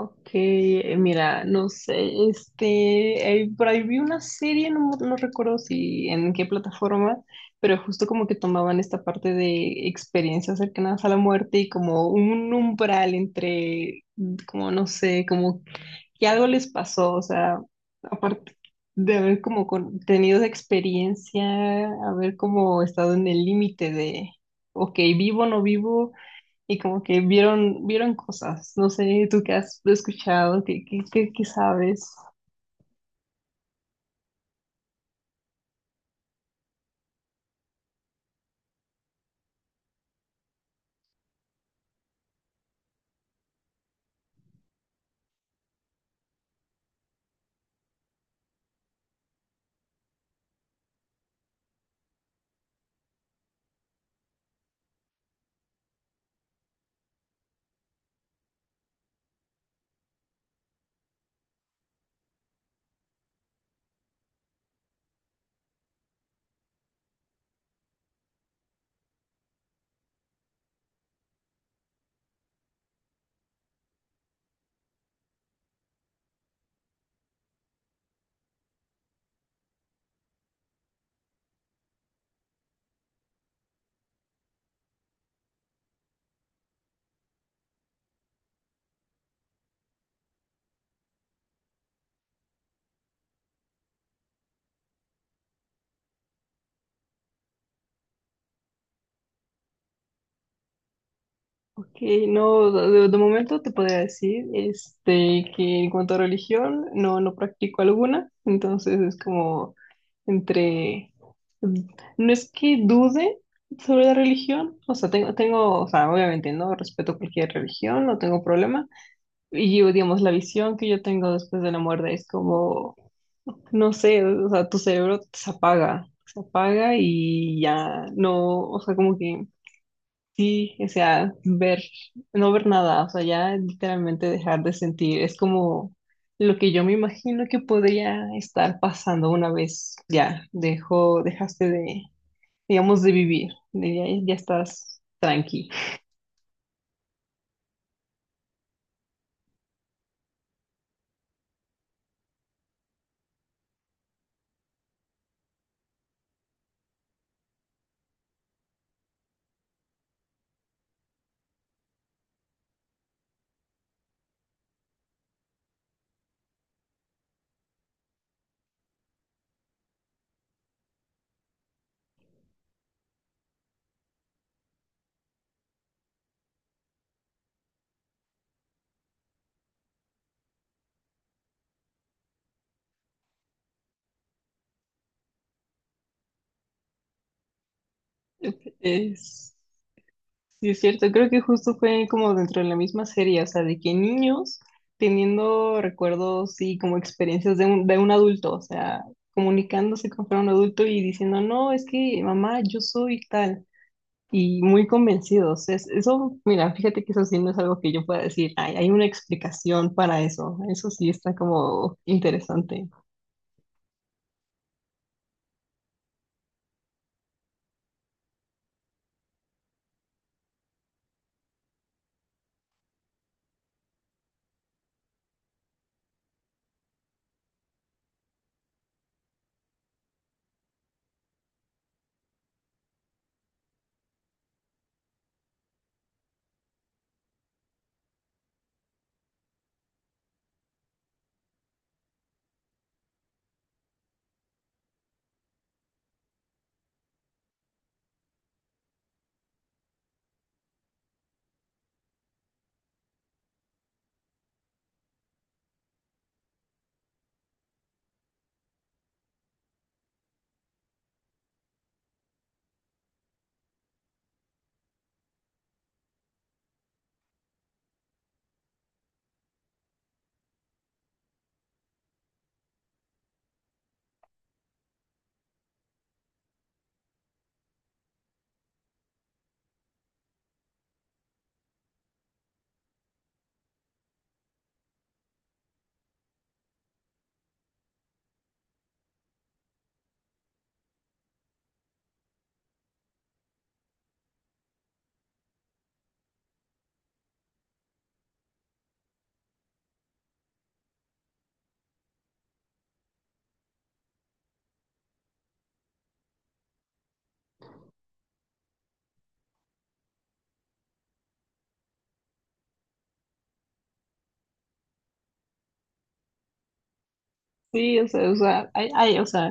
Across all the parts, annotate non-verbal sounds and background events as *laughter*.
Ok, mira, no sé, por ahí vi una serie, no, no recuerdo si en qué plataforma, pero justo como que tomaban esta parte de experiencias cercanas a la muerte y como un umbral entre, como no sé, como que algo les pasó, o sea, aparte de haber como tenido esa experiencia, haber como estado en el límite de, ok, vivo, no vivo y como que vieron cosas. No sé, tú qué has escuchado, qué sabes. Ok, no, de momento te podría decir este, que en cuanto a religión, no, no practico alguna, entonces es como entre, mm, no es que dude sobre la religión, o sea, tengo, o sea, obviamente, ¿no? Respeto cualquier religión, no tengo problema, y yo digamos, la visión que yo tengo después de la muerte es como. No sé, o sea, tu cerebro se apaga y ya no, o sea, como que sí, o sea, ver, no ver nada, o sea, ya literalmente dejar de sentir, es como lo que yo me imagino que podría estar pasando una vez ya dejaste de, digamos, de vivir, de ya, ya estás tranqui. *laughs* Es. Sí, es cierto, creo que justo fue como dentro de la misma serie, o sea, de que niños teniendo recuerdos y como experiencias de de un adulto, o sea, comunicándose con fuera un adulto y diciendo, no, es que mamá, yo soy tal, y muy convencidos. Es, eso, mira, fíjate que eso sí no es algo que yo pueda decir, hay una explicación para eso, eso sí está como interesante. Sí, o sea, hay, o sea,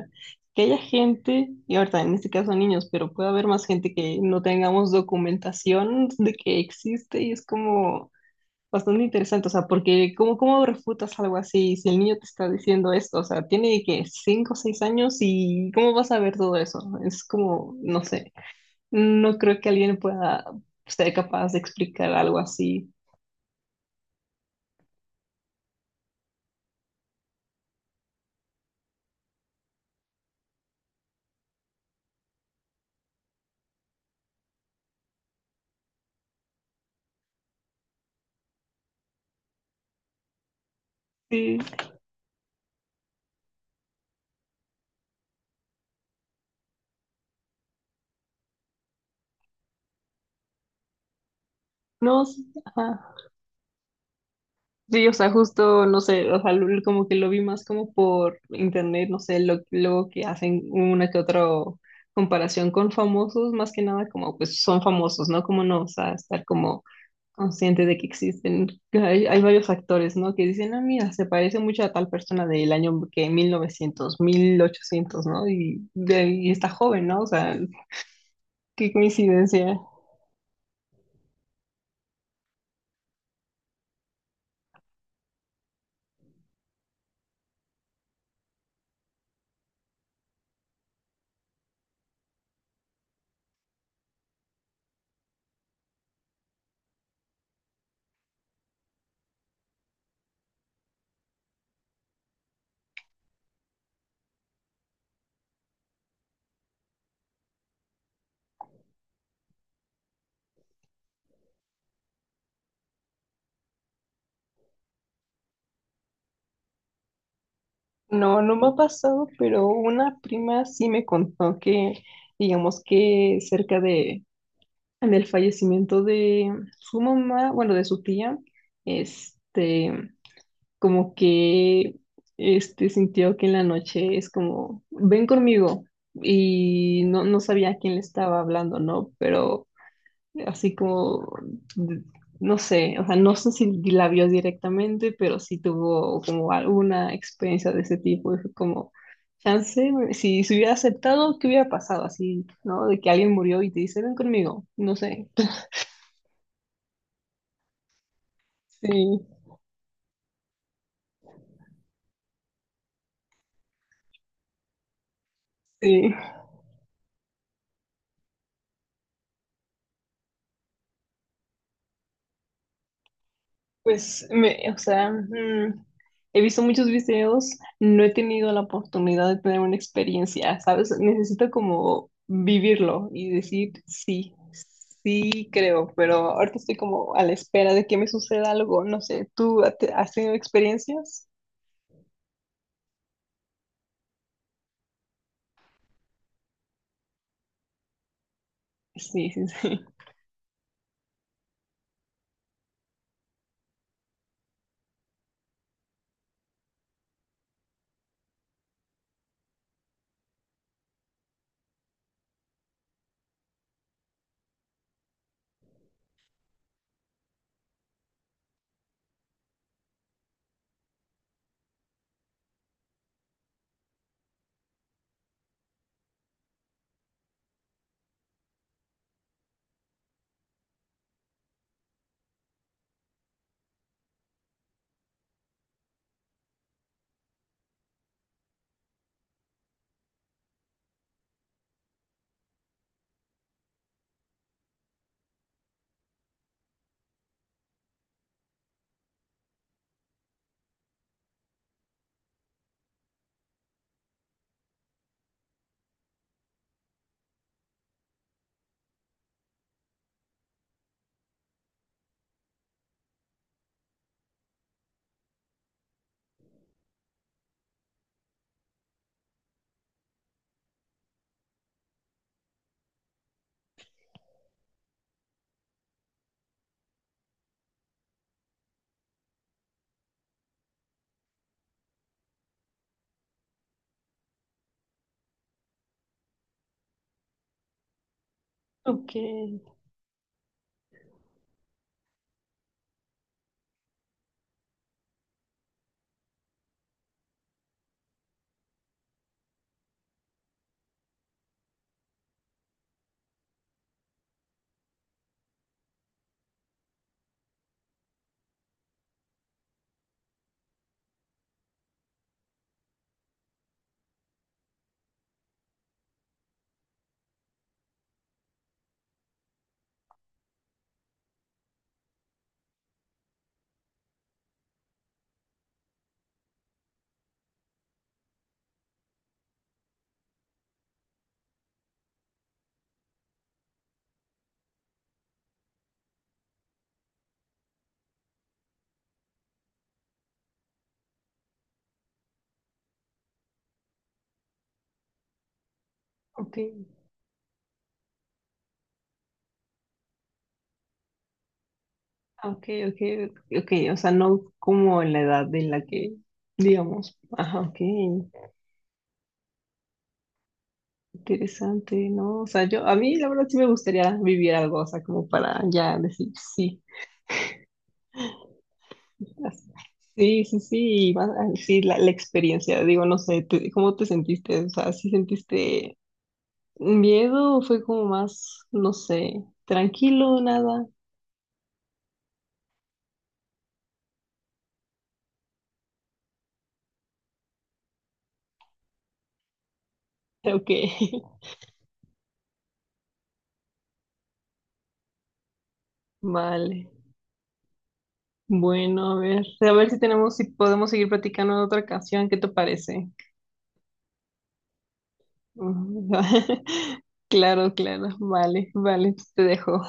que haya gente, y ahorita en este caso niños, pero puede haber más gente que no tengamos documentación de que existe y es como bastante interesante, o sea, porque cómo refutas algo así si el niño te está diciendo esto? O sea, tiene que cinco o seis años y ¿cómo vas a ver todo eso? Es como, no sé, no creo que alguien pueda ser capaz de explicar algo así. Sí. No, sí, ajá. Sí, o sea, justo, no sé, o sea, como que lo vi más como por internet, no sé, lo, luego que hacen una que otra comparación con famosos, más que nada como, pues, son famosos, ¿no? Como no, o sea, estar como consciente de que existen, que hay varios actores, ¿no? Que dicen, ah, mira, se parece mucho a tal persona del año que mil novecientos mil ochocientos, ¿no? Y, de, y está joven, ¿no? O sea, qué coincidencia. No, no me ha pasado, pero una prima sí me contó que, digamos que cerca de, en el fallecimiento de su mamá, bueno, de su tía, este, como que, este, sintió que en la noche es como, ven conmigo, y no, no sabía a quién le estaba hablando, ¿no? Pero así como, de- no sé, o sea, no sé si la vio directamente, pero sí tuvo como alguna experiencia de ese tipo, y fue como, chance, si se hubiera aceptado, ¿qué hubiera pasado? Así, ¿no? De que alguien murió y te dice, ven conmigo, no sé. *laughs* Sí, sí. Pues, me, o sea, he visto muchos videos, no he tenido la oportunidad de tener una experiencia, ¿sabes? Necesito como vivirlo y decir sí, sí creo, pero ahorita estoy como a la espera de que me suceda algo, no sé, ¿tú has tenido experiencias? Sí, sí, sí. Ok, ok, ok, ok, ok, o sea, no como en la edad de la que, digamos, ajá, ok. Interesante, ¿no? O sea, yo, a mí la verdad sí me gustaría vivir algo, o sea, como para ya decir sí. Así, sí, sí, sí, y más, ah, sí, la experiencia, digo, no sé, ¿cómo te sentiste? O sea, ¿sí sentiste miedo o fue como más, no sé, tranquilo, nada? Ok, *laughs* vale. Bueno, a ver si tenemos, si podemos seguir platicando en otra ocasión, ¿qué te parece? Ujú. *laughs* Claro, claro, vale, vale, te dejo.